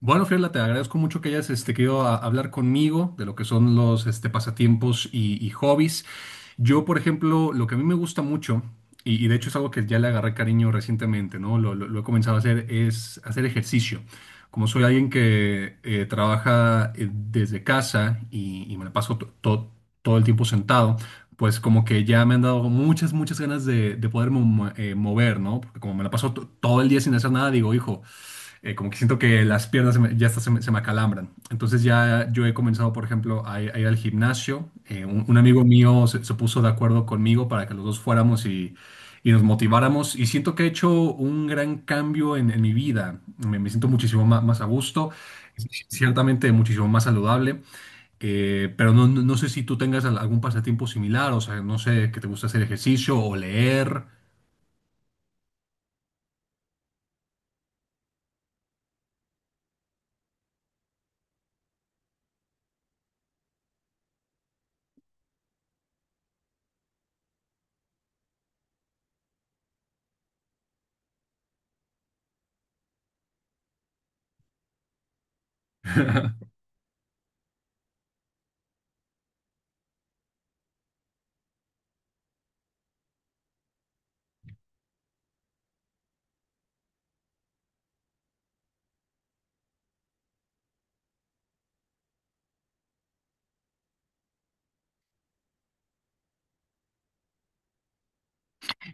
Bueno, Fiorella, te agradezco mucho que hayas querido hablar conmigo de lo que son los pasatiempos y hobbies. Yo, por ejemplo, lo que a mí me gusta mucho, y de hecho es algo que ya le agarré cariño recientemente, ¿no? Lo he comenzado a hacer, es hacer ejercicio. Como soy alguien que trabaja desde casa y me la paso todo el tiempo sentado, pues como que ya me han dado muchas, muchas ganas de poder mover, ¿no? Porque como me la paso todo el día sin hacer nada, digo, hijo. Como que siento que las piernas ya hasta se me acalambran. Entonces ya yo he comenzado, por ejemplo, a ir al gimnasio. Un amigo mío se puso de acuerdo conmigo para que los dos fuéramos y nos motiváramos. Y siento que he hecho un gran cambio en mi vida. Me siento muchísimo más a gusto, ciertamente muchísimo más saludable. Pero no sé si tú tengas algún pasatiempo similar, o sea, no sé, que te gusta hacer ejercicio o leer.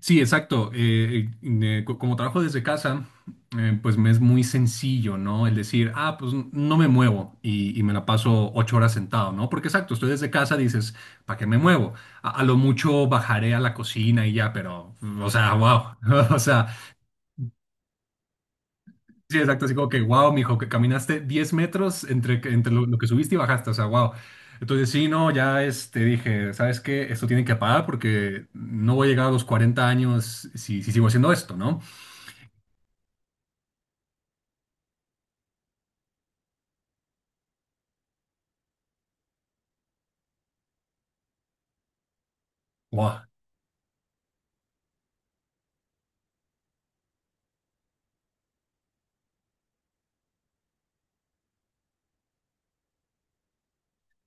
Sí, exacto. Como trabajo desde casa, pues me es muy sencillo, ¿no? El decir, ah, pues no me muevo y me la paso 8 horas sentado, ¿no? Porque exacto, estoy desde casa, dices, ¿para qué me muevo? A lo mucho bajaré a la cocina y ya, pero, o sea, wow. O sea, sí, exacto, así como que, wow, mijo, que caminaste 10 metros entre, entre lo que subiste y bajaste, o sea, wow. Entonces, sí, no, ya dije, ¿sabes qué? Esto tiene que parar porque no voy a llegar a los 40 años si sigo haciendo esto, ¿no? Buah.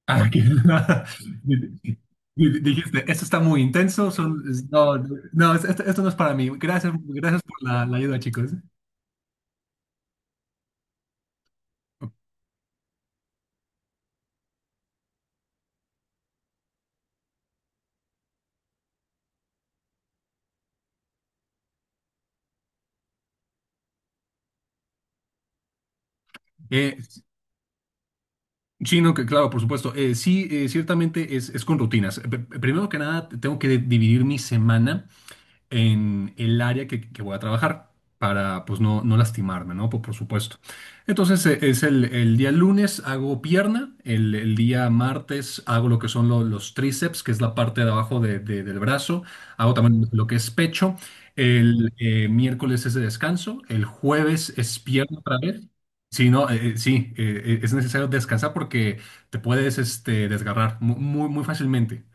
Ah, que- di- di- Dijiste, esto está muy intenso, son, no, no, no, esto no es para mí. Gracias, gracias por la ayuda, chicos. Eh, sí, no, que claro, por supuesto. Sí, ciertamente es con rutinas. Primero que nada, tengo que dividir mi semana en el área que voy a trabajar para pues no lastimarme, ¿no? Por supuesto. Entonces es el día lunes hago pierna, el día martes hago lo que son los tríceps, que es la parte de abajo del brazo, hago también lo que es pecho, el miércoles es de descanso, el jueves es pierna otra vez. Sí, no, sí, es necesario descansar porque te puedes desgarrar muy, muy fácilmente.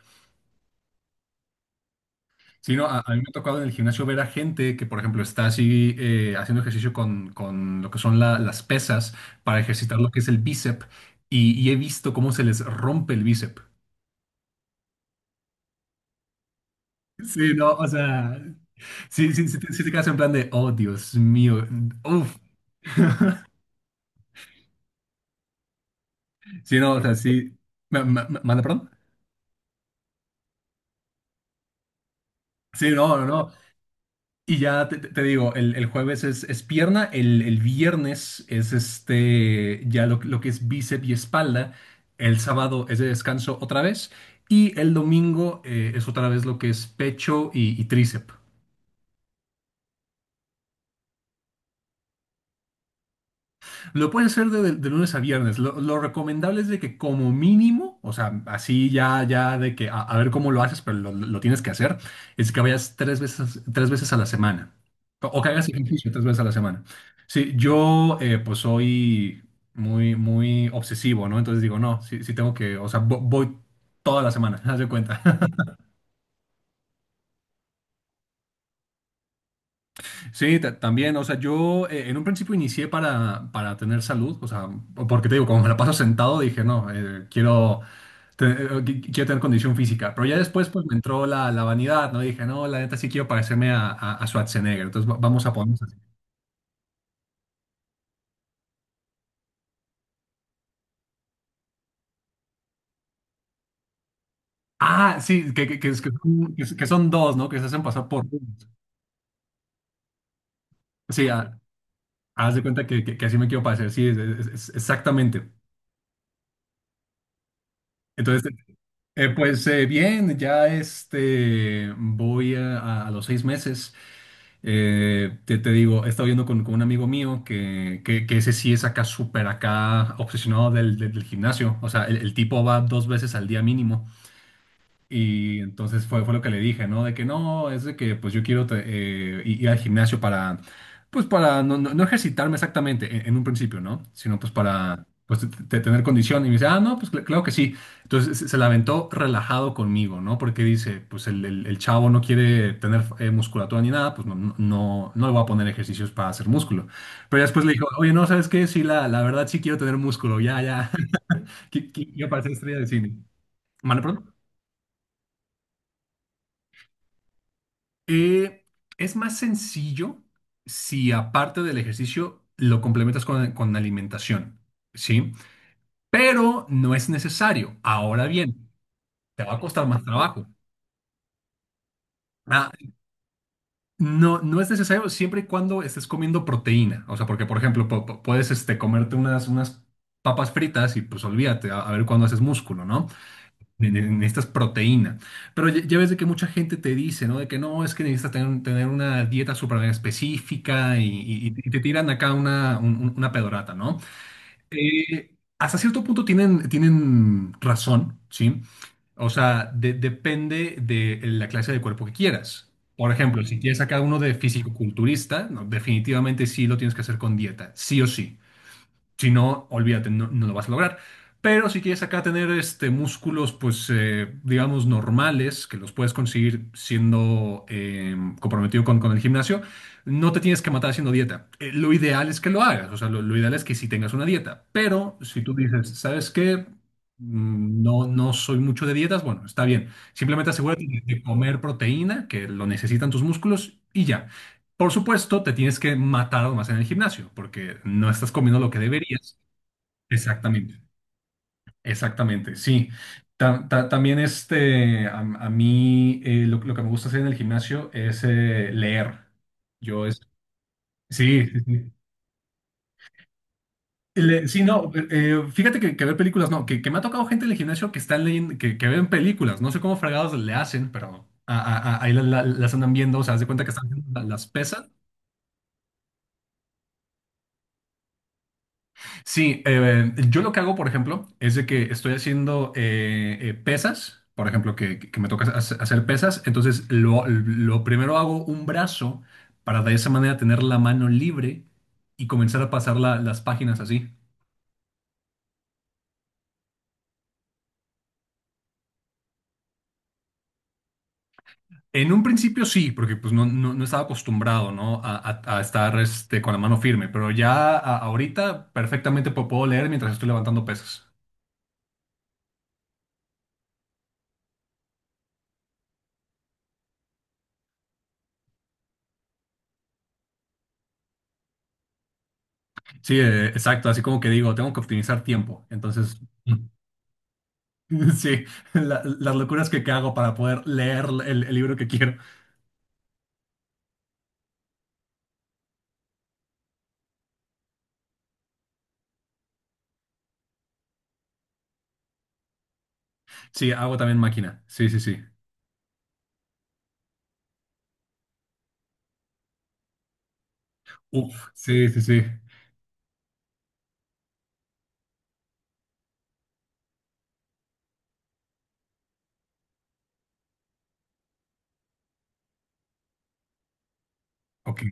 Sí, no, a mí me ha tocado en el gimnasio ver a gente que, por ejemplo, está así haciendo ejercicio con lo que son las pesas para ejercitar lo que es el bíceps y he visto cómo se les rompe el bíceps. Sí, no, o sea, sí, sí, sí te quedas en plan de, oh, Dios mío, uff. Sí, no, o sea, sí. ¿Manda, perdón? Sí, no, no, no. Y ya te digo, el jueves es pierna, el viernes es ya lo que es bíceps y espalda, el sábado es de descanso otra vez y el domingo es otra vez lo que es pecho y tríceps. Lo pueden hacer de lunes a viernes. Lo recomendable es de que como mínimo, o sea, así ya de que a ver cómo lo haces, pero lo tienes que hacer, es que vayas tres veces a la semana. O que hagas ejercicio tres veces a la semana. Sí, yo pues soy muy, muy obsesivo, ¿no? Entonces digo, no, sí, sí tengo que, o sea, voy toda la semana, haz de cuenta. Sí, también, o sea, yo en un principio inicié para tener salud, o sea, porque te digo, como me la paso sentado, dije, no, te- eh, quiero tener condición física, pero ya después pues me entró la vanidad, ¿no? Dije, no, la neta sí quiero parecerme a Schwarzenegger, entonces vamos a ponernos así. Ah, sí, que son, que son dos, ¿no? Que se hacen pasar por uno. Sí, ah, haz de cuenta que así me quiero parecer, sí, exactamente. Entonces. Pues bien, ya voy a los 6 meses. Te digo, he estado viendo con un amigo mío que ese sí es acá súper acá obsesionado del gimnasio. O sea, el tipo va dos veces al día mínimo. Y entonces fue lo que le dije, ¿no? De que no, es de que pues yo quiero ir al gimnasio pues para no, no, no ejercitarme exactamente en un principio, ¿no? Sino pues para pues tener condición. Y me dice, ah, no, pues claro que sí. Entonces se la aventó relajado conmigo, ¿no? Porque dice, pues el chavo no quiere tener musculatura ni nada, pues no, no, no le voy a poner ejercicios para hacer músculo. Pero ya después le dijo, oye, no, ¿sabes qué? Sí, la verdad sí quiero tener músculo, ya, ya. Quiero parecer estrella de cine. ¿Mane, perdón? Eh, es más sencillo si aparte del ejercicio lo complementas con alimentación, ¿sí? Pero no es necesario. Ahora bien, te va a costar más trabajo. Ah, no, no es necesario siempre y cuando estés comiendo proteína. O sea, porque, por ejemplo, puedes comerte unas papas fritas y pues olvídate, a ver cuándo haces músculo, ¿no? Necesitas proteína. Pero ya ves de que mucha gente te dice, ¿no? De que no, es que necesitas tener una dieta súper específica y te tiran acá una pedorata, ¿no? Hasta cierto punto tienen razón, ¿sí? O sea, depende de la clase de cuerpo que quieras. Por ejemplo, si quieres acá uno de fisicoculturista, no, definitivamente sí lo tienes que hacer con dieta, sí o sí. Si no, olvídate, no, no lo vas a lograr. Pero si quieres acá tener músculos, pues digamos normales, que los puedes conseguir siendo comprometido con el gimnasio, no te tienes que matar haciendo dieta. Lo ideal es que lo hagas, o sea, lo ideal es que sí tengas una dieta. Pero si tú dices, ¿sabes qué? No, no soy mucho de dietas, bueno, está bien. Simplemente asegúrate de comer proteína, que lo necesitan tus músculos, y ya. Por supuesto, te tienes que matar más en el gimnasio, porque no estás comiendo lo que deberías. Exactamente, exactamente, sí. También a mí lo que me gusta hacer en el gimnasio es leer. Yo es. Sí, sí, sí. Sí, no, fíjate que ver películas, no, que me ha tocado gente en el gimnasio que están leyendo, que ven películas, no sé cómo fregados le hacen, pero ahí las andan viendo, o sea, haz de cuenta que están haciendo las pesas. Sí, yo lo que hago, por ejemplo, es de que estoy haciendo pesas, por ejemplo, que me toca hacer pesas, entonces lo primero hago un brazo para de esa manera tener la mano libre y comenzar a pasar las páginas así. En un principio sí, porque pues no, no, no estaba acostumbrado, ¿no? A estar con la mano firme, pero ya ahorita perfectamente puedo leer mientras estoy levantando pesas. Sí, exacto, así como que digo, tengo que optimizar tiempo, entonces. Sí, las locuras que hago para poder leer el libro que quiero. Sí, hago también máquina. Sí, sí, sí. Uf, sí, sí, sí. Ok.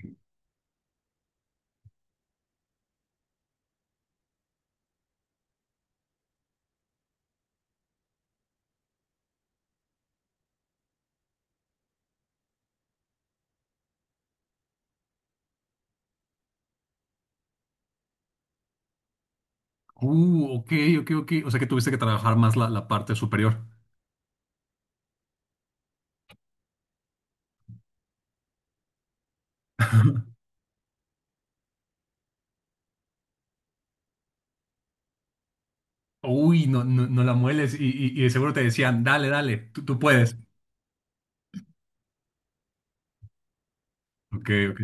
Ok, ok, ok. O sea que tuviste que trabajar más la parte superior. Uy, no, no, no la mueles y de seguro te decían, dale, dale, tú puedes. Ok, ok.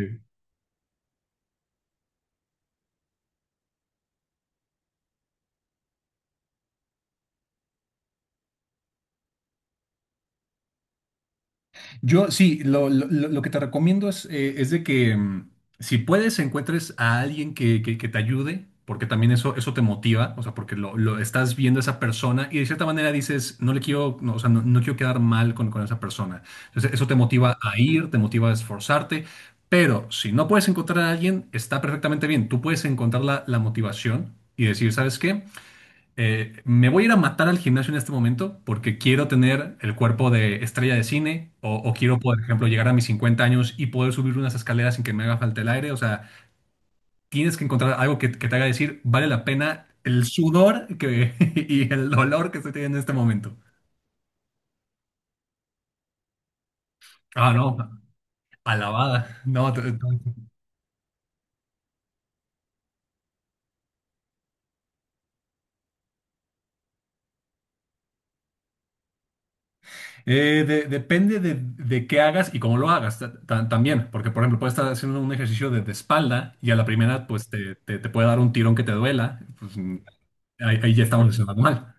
Yo sí, lo que te recomiendo es de que si puedes encuentres a alguien que te ayude, porque también eso te motiva, o sea, porque lo estás viendo a esa persona y de cierta manera dices, no le quiero, no, o sea, no, no quiero quedar mal con esa persona. Entonces, eso te motiva a ir, te motiva a esforzarte, pero si no puedes encontrar a alguien, está perfectamente bien. Tú puedes encontrar la motivación y decir, ¿sabes qué? Me voy a ir a matar al gimnasio en este momento porque quiero tener el cuerpo de estrella de cine o quiero, por ejemplo, llegar a mis 50 años y poder subir unas escaleras sin que me haga falta el aire. O sea, tienes que encontrar algo que te haga decir, vale la pena el sudor y el dolor que estoy teniendo en este momento. Ah, no, alabada. No, Depende de qué hagas y cómo lo hagas también, porque por ejemplo puedes estar haciendo un ejercicio de espalda y a la primera pues te puede dar un tirón que te duela, pues ahí ya estamos lesionando mal.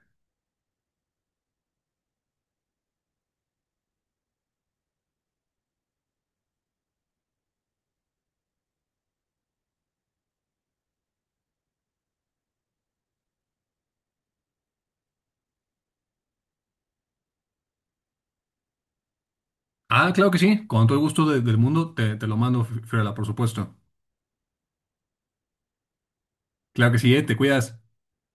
Ah, claro que sí, con todo el gusto del mundo te lo mando, Fiorella, por supuesto. Claro que sí, te cuidas.